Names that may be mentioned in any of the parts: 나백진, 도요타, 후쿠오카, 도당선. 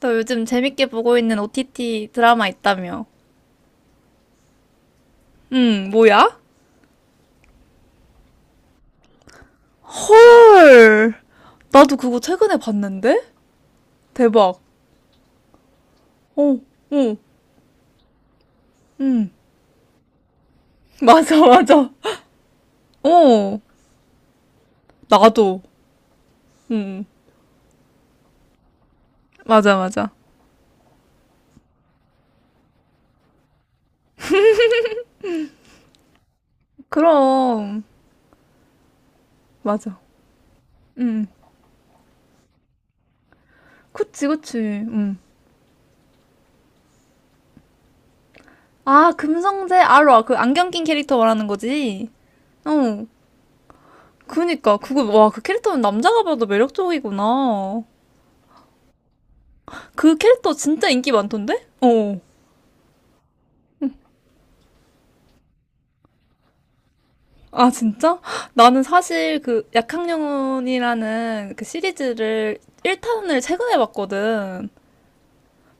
너 요즘 재밌게 보고 있는 OTT 드라마 있다며. 응, 뭐야? 헐. 나도 그거 최근에 봤는데? 대박. 어, 어, 응. 맞아, 맞아. 어, 나도. 응, 맞아, 맞아. 그럼, 맞아. 응, 그치, 그치. 응. 아, 금성재 아로아 그 안경 낀 캐릭터 말하는 거지? 어, 그니까. 그거, 와, 그 캐릭터는 남자가 봐도 매력적이구나. 어. 그 캐릭터 진짜 인기 많던데? 어, 아, 진짜? 나는 사실 그 약학영혼이라는 그 시리즈를 1탄을 최근에 봤거든.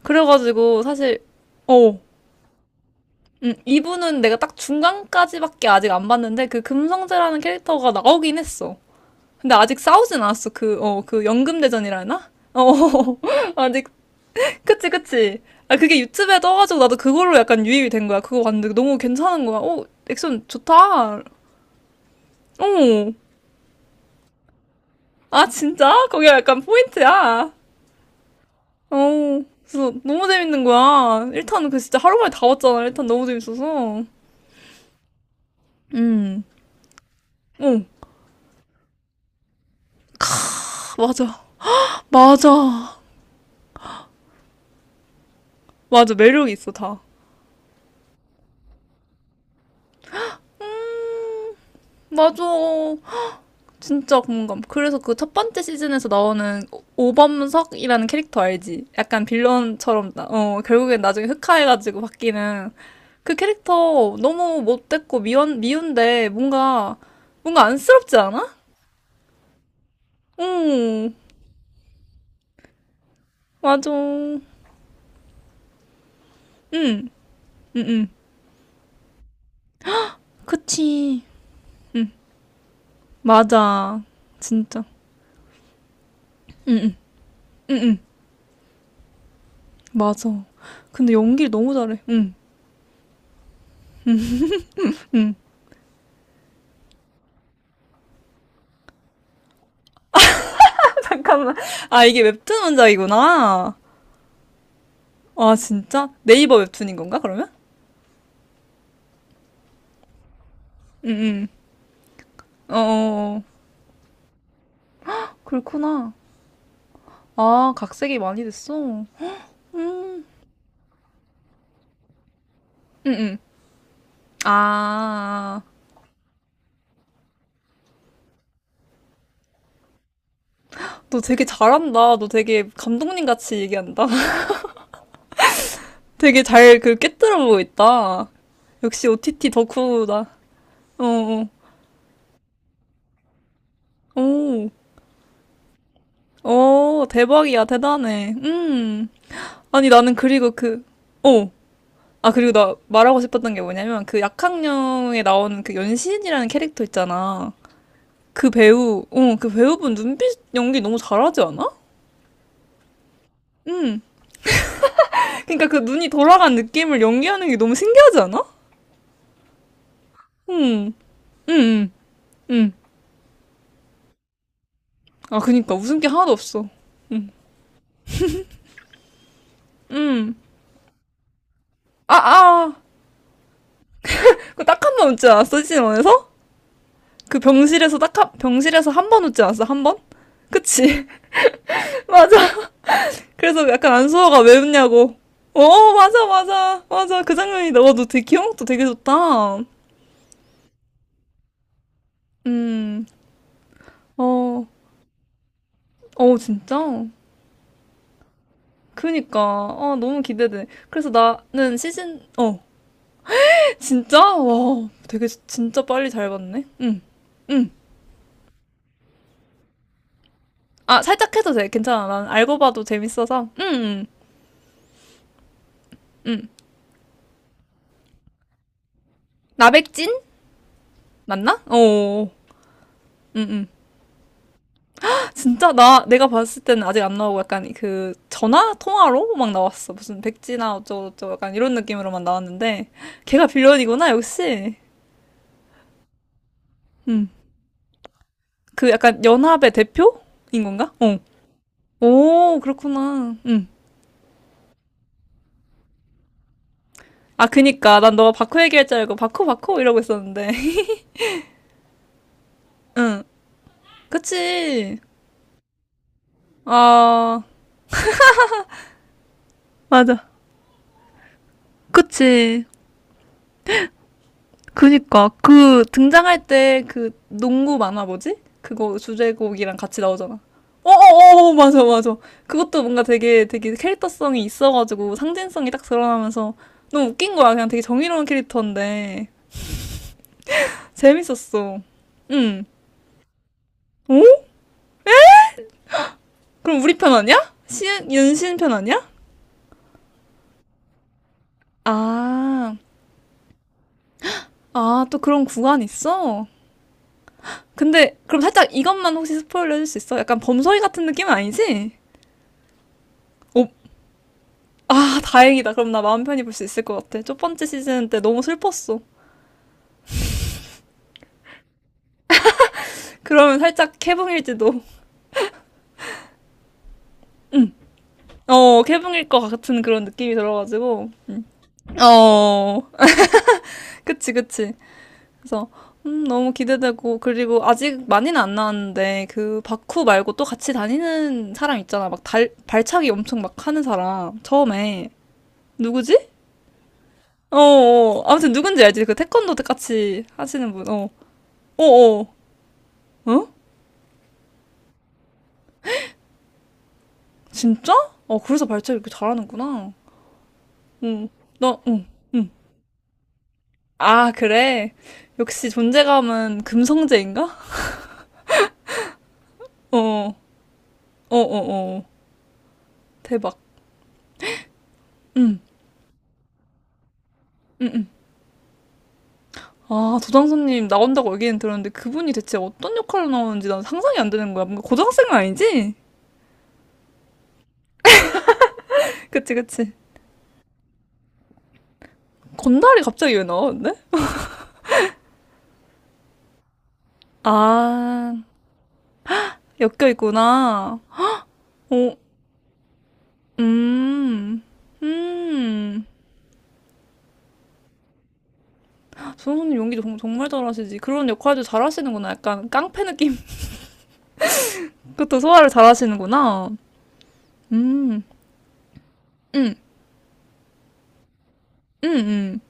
그래가지고 사실, 어, 2부는 내가 딱 중간까지밖에 아직 안 봤는데 그 금성재라는 캐릭터가 나오긴 했어. 근데 아직 싸우진 않았어. 그 연금대전이라나? 어, 아직, 그치, 그치. 아, 그게 유튜브에 떠가지고 나도 그걸로 약간 유입이 된 거야. 그거 봤는데 너무 괜찮은 거야. 어, 액션 좋다. 어. 아, 진짜? 거기가 약간 포인트야. 어, 그래서 너무 재밌는 거야. 1탄 그 진짜 하루 만에 다 왔잖아. 1탄 너무 재밌어서. 음. 어, 맞아. 맞아. 맞아. 매력이 있어, 다. 맞아. 진짜 공감. 그래서 그 첫 번째 시즌에서 나오는 오범석이라는 캐릭터 알지? 약간 빌런처럼, 나- 어, 결국엔 나중에 흑화해가지고 바뀌는 그 캐릭터 너무 못됐고 미운데 뭔가, 뭔가 안쓰럽지 않아? 응. 맞아. 응, 응, 응. 그치. 맞아. 진짜. 맞아. 근데 연기를 너무 잘해. 응. 잠깐만. 아, 이게 웹툰 원작이구나. 아, 진짜? 네이버 웹툰인 건가, 그러면? 어, 어, 어. 그렇구나. 아, 각색이 많이 됐어. 응, 응. 아, 너 되게 잘한다. 너 되게 감독님 같이 얘기한다. 되게 잘 그 깨뜨려 보고 있다. 역시 OTT 덕후다. 어, 어. 오. 오, 대박이야, 대단해. 음. 아니, 나는 그리고 그, 어. 아, 그리고 나 말하고 싶었던 게 뭐냐면, 그 약학령에 나오는 그 연신이라는 캐릭터 있잖아. 그 배우분 눈빛 연기 너무 잘하지 않아? 음. 그러니까 그 눈이 돌아간 느낌을 연기하는 게 너무 신기하지 않아? 음. 음, 음, 음. 아, 그니까. 웃음 게 하나도 없어. 음. 아, 아. 그 딱 한 번 웃지 않았어, 시즌 원에서 그 병실에서 딱 한, 병실에서 한 번 웃지 않았어, 한 번? 그치? 맞아. 그래서 약간 안소아가 왜 웃냐고. 어, 맞아, 맞아, 맞아. 그 장면이 너와너 되게 기억도 되게 좋다. 음, 어, 어, 진짜? 그니까, 아, 너무 기대돼. 그래서 나는 시즌, 어, 진짜? 와, 되게, 진짜 빨리 잘 봤네. 응, 응. 아, 살짝 해도 돼. 괜찮아. 난 알고 봐도 재밌어서. 응, 응, 응. 나백진? 맞나? 어, 응, 응. 진짜 나 내가 봤을 때는 아직 안 나오고 약간 그 전화 통화로 막 나왔어. 무슨 백지나 어쩌고저쩌고 약간 이런 느낌으로만 나왔는데 걔가 빌런이구나 역시. 음. 그 약간 연합의 대표인 건가? 어. 오, 그렇구나. 음. 아, 그니까 난 너 바쿠 얘기할 줄 알고 바쿠 바쿠 이러고 있었는데. 응. 그치. 아 맞아. 그치. 그니까 그 등장할 때 그 농구 만화 뭐지? 그거 주제곡이랑 같이 나오잖아. 어어어 맞아 맞아. 그것도 뭔가 되게 되게 캐릭터성이 있어가지고 상징성이 딱 드러나면서 너무 웃긴 거야. 그냥 되게 정의로운 캐릭터인데 재밌었어. 응. 오? 그럼 우리 편 아니야? 시, 윤신 편 아니야? 아, 아, 또 그런 구간 있어? 근데 그럼 살짝 이것만 혹시 스포일러 해줄 수 있어? 약간 범서이 같은 느낌은 아니지? 어, 아, 다행이다. 그럼 나 마음 편히 볼 수 있을 것 같아. 첫 번째 시즌 때 너무 슬펐어. 그러면 살짝 캐붕일지도. 어, 캐붕일 것 같은 그런 느낌이 들어가지고. 음. 어, 그치, 그치. 그래서, 너무 기대되고. 그리고 아직 많이는 안 나왔는데, 그, 바쿠 말고 또 같이 다니는 사람 있잖아. 막 달, 발차기 엄청 막 하는 사람. 처음에. 누구지? 어, 어. 아무튼 누군지 알지? 그 태권도 같이 하시는 분. 어, 어, 어. 어? 진짜? 어, 그래서 발차기 이렇게 잘하는구나. 응. 나, 응, 응. 아, 그래. 역시 존재감은 금성재인가? 어, 어, 어, 어. 대박. 응, 응, 응. 아, 도당선님 나온다고 얘기는 들었는데 그분이 대체 어떤 역할로 나오는지 난 상상이 안 되는 거야. 뭔가 고등학생은 아니지? 그치, 그치. 건달이 갑자기 왜 나왔는데. 아, 엮여 있구나. 어, 음, 음. 선호님 연기 정- 정말 잘하시지. 그런 역할도 잘하시는구나. 약간 깡패 느낌. 그것도 소화를 잘하시는구나. 음, 음, 음, 음.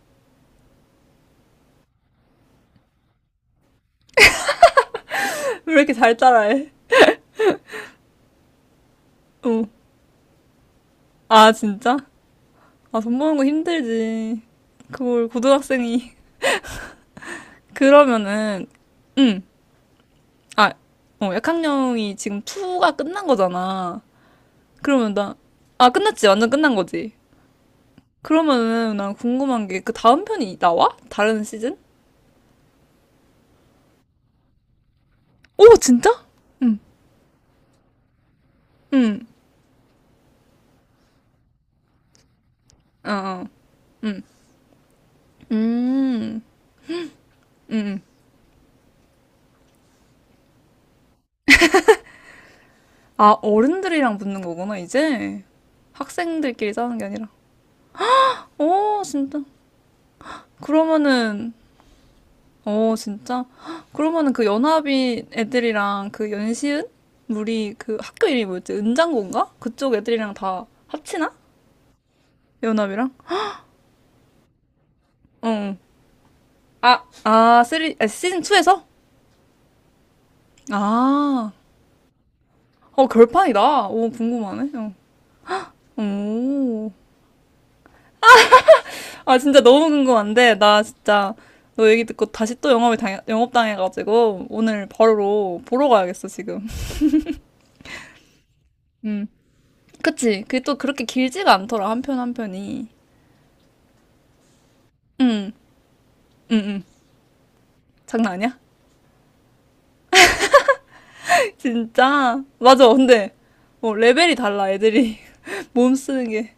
왜 이렇게 잘 따라해? 어. 아, 진짜? 아, 돈 버는 거 힘들지. 그걸 고등학생이. 그러면은, 음, 아, 약학령이 지금 2가 끝난 거잖아. 그러면 나, 아, 끝났지. 완전 끝난 거지. 그러면은 난 궁금한 게 그 다음 편이 나와? 다른 시즌? 오, 진짜? 응, 응. 어, 어. 음. 아, 어른들이랑 붙는 거구나, 이제. 학생들끼리 싸우는 게 아니라. 오, 진짜. 그러면은, 오, 진짜. 헉, 그러면은 그 연합인 애들이랑 그 연시은? 우리 그 학교 이름이 뭐였지? 은장고인가? 그쪽 애들이랑 다 합치나? 연합이랑? 응. 아, 아, 쓰리, 아, 시즌 2에서? 아, 어, 결판이다. 오, 궁금하네. 어. 오. 아, 진짜 너무 궁금한데, 나 진짜 너 얘기 듣고 다시 또 영업을 당해, 영업당해가지고, 오늘 바로 보러 가야겠어, 지금. 음. 그치? 그게 또 그렇게 길지가 않더라, 한편 한 편이. 응, 응, 응. 장난 아니야? 진짜? 맞아, 근데, 뭐, 레벨이 달라, 애들이. 몸 쓰는 게.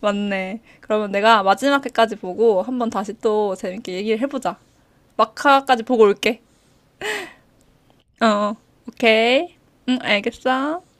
맞네. 그러면 내가 마지막 회까지 보고, 한번 다시 또 재밌게 얘기를 해보자. 마카까지 보고 올게. 어, 어. 오케이. 응, 알겠어.